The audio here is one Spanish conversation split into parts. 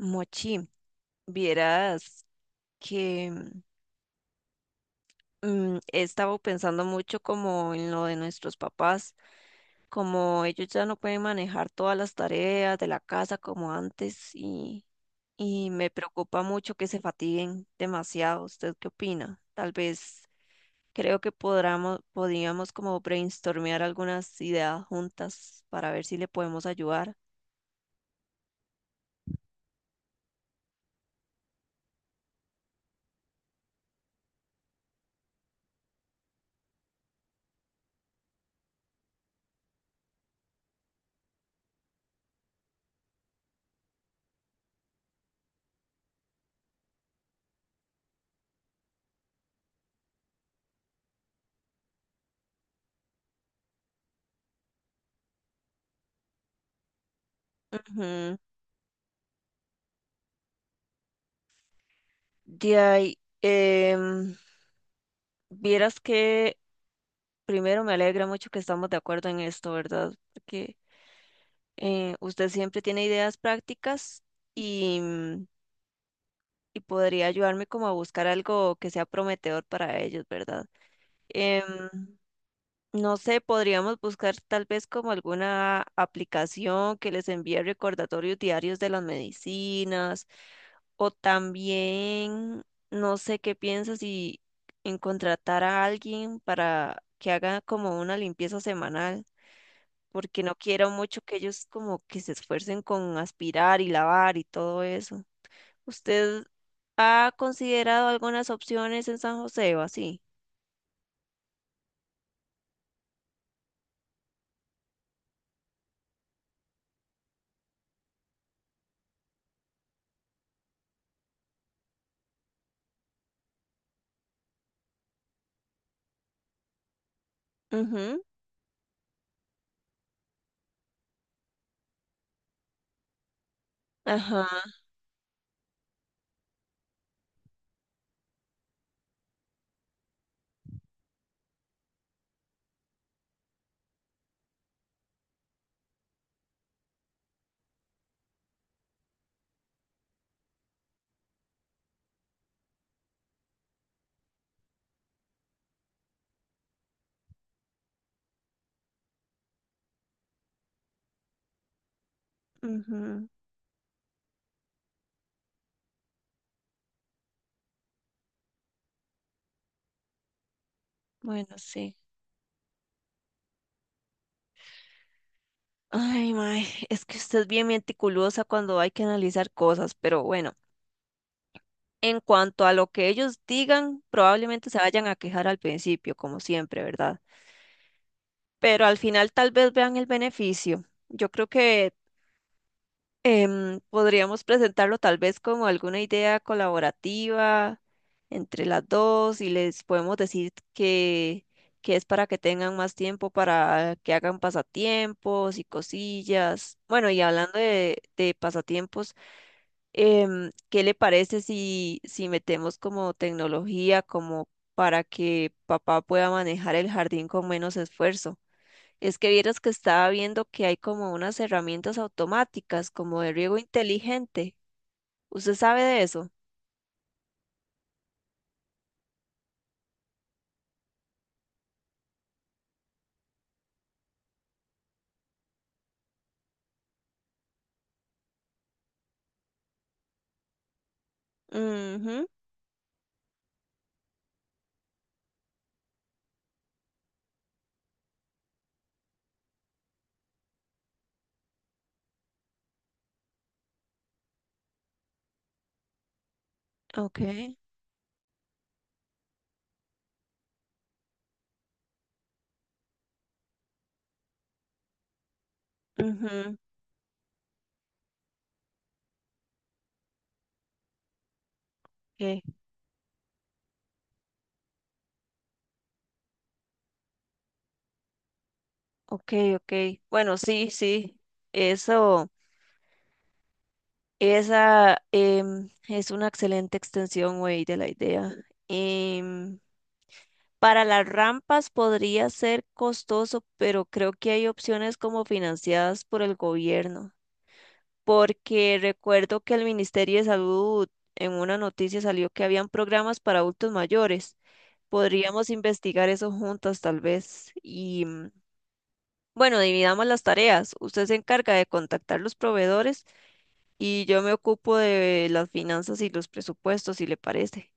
Mochi, vieras que he estado pensando mucho como en lo de nuestros papás, como ellos ya no pueden manejar todas las tareas de la casa como antes y me preocupa mucho que se fatiguen demasiado. ¿Usted qué opina? Tal vez creo que podríamos como brainstormear algunas ideas juntas para ver si le podemos ayudar. Ujú. De ahí, vieras que primero, me alegra mucho que estamos de acuerdo en esto, ¿verdad? Porque usted siempre tiene ideas prácticas y, y podría ayudarme como a buscar algo que sea prometedor para ellos, ¿verdad? Em, no sé, podríamos buscar tal vez como alguna aplicación que les envíe recordatorios diarios de las medicinas o también, no sé qué piensas si en contratar a alguien para que haga como una limpieza semanal, porque no quiero mucho que ellos como que se esfuercen con aspirar y lavar y todo eso. ¿Usted ha considerado algunas opciones en San José o así? Ujú. Ajá. Ujú. Bueno, sí. Ay, mae, es que usted es bien meticulosa cuando hay que analizar cosas, pero bueno, en cuanto a lo que ellos digan, probablemente se vayan a quejar al principio, como siempre, ¿verdad? Pero al final tal vez vean el beneficio. Yo creo que podríamos presentarlo tal vez como alguna idea colaborativa entre las dos y les podemos decir que es para que tengan más tiempo para que hagan pasatiempos y cosillas. Bueno, y hablando de pasatiempos, ¿qué le parece si, si metemos como tecnología como para que papá pueda manejar el jardín con menos esfuerzo? Es que vieras que estaba viendo que hay como unas herramientas automáticas, como de riego inteligente. ¿Usted sabe de eso? Mhm. Ok. Ujú. Ok, ok, ok. Bueno, sí, sí. Eso, esa es una excelente extensión, güey, de la idea. Em, para las rampas podría ser costoso, pero creo que hay opciones como financiadas por el gobierno, porque recuerdo que el Ministerio de Salud en una noticia salió que habían programas para adultos mayores. Podríamos investigar eso juntas tal vez. Y bueno, dividamos las tareas. Usted se encarga de contactar los proveedores y yo me ocupo de las finanzas y los presupuestos, si le parece.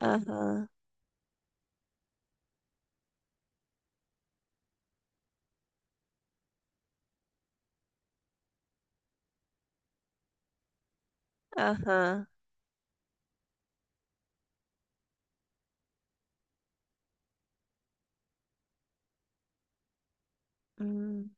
Ajá, ajá. mm,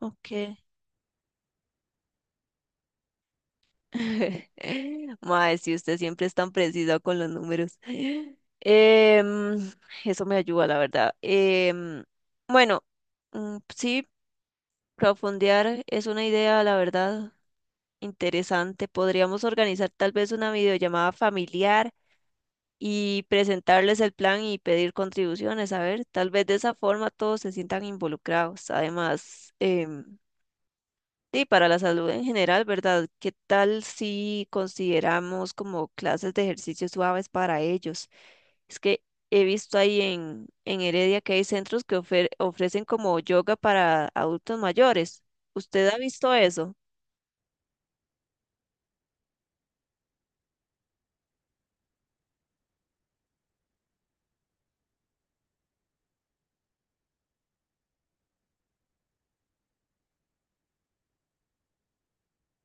ok. Mae, si usted siempre es tan preciso con los números. Em, eso me ayuda, la verdad. Bueno, sí, profundear es una idea, la verdad, interesante. Podríamos organizar tal vez una videollamada familiar y presentarles el plan y pedir contribuciones. A ver, tal vez de esa forma todos se sientan involucrados. Además, sí, para la salud en general, ¿verdad? ¿Qué tal si consideramos como clases de ejercicios suaves para ellos? Es que he visto ahí en Heredia que hay centros que ofrecen como yoga para adultos mayores. ¿Usted ha visto eso?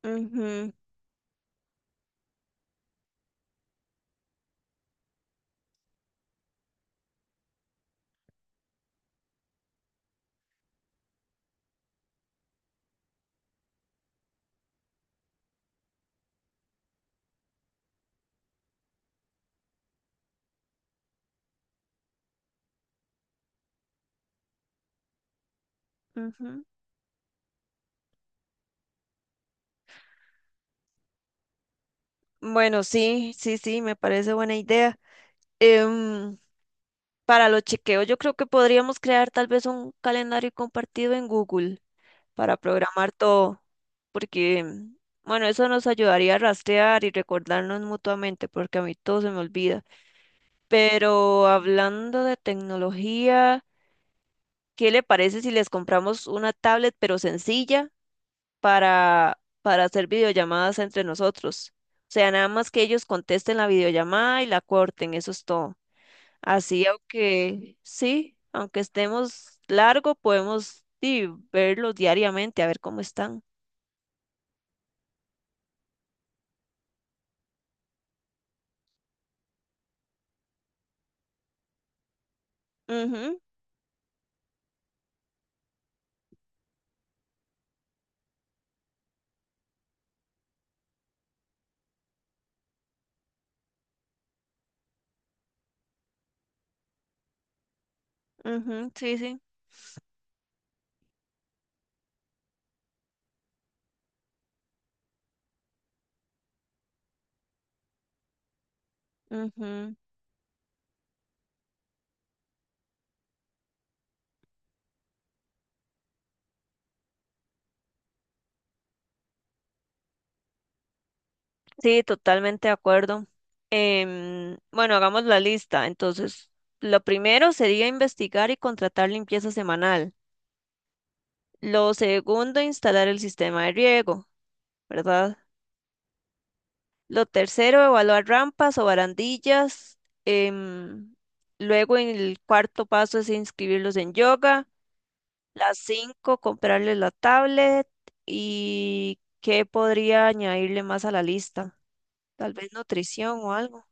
Ujú, ujú. Bueno, sí, sí, sí, me parece buena idea. Em, para los chequeos, yo creo que podríamos crear tal vez un calendario compartido en Google para programar todo, porque, bueno, eso nos ayudaría a rastrear y recordarnos mutuamente, porque a mí todo se me olvida. Pero hablando de tecnología, ¿qué le parece si les compramos una tablet pero sencilla para hacer videollamadas entre nosotros? O sea, nada más que ellos contesten la videollamada y la corten, eso es todo. Así, aunque sí, aunque estemos largo, podemos sí, verlos diariamente, a ver cómo están. Ujú. Ujú, sí, sí. Ujú. Sí, totalmente de acuerdo. Bueno, hagamos la lista. Entonces, lo primero sería investigar y contratar limpieza semanal. Lo segundo, instalar el sistema de riego, ¿verdad? Lo tercero, evaluar rampas o barandillas, em, luego, en el cuarto paso es inscribirlos en yoga. Las cinco, comprarles la tablet. ¿Y qué podría añadirle más a la lista? Tal vez nutrición o algo.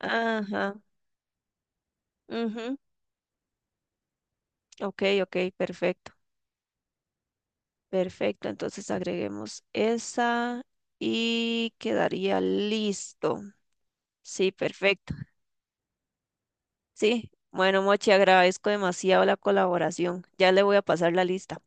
Ajá. Ujú. Ok, ok, perfecto. Perfecto. Entonces agreguemos esa y quedaría listo. Sí, perfecto. Sí. Bueno, Mochi, agradezco demasiado la colaboración. Ya le voy a pasar la lista.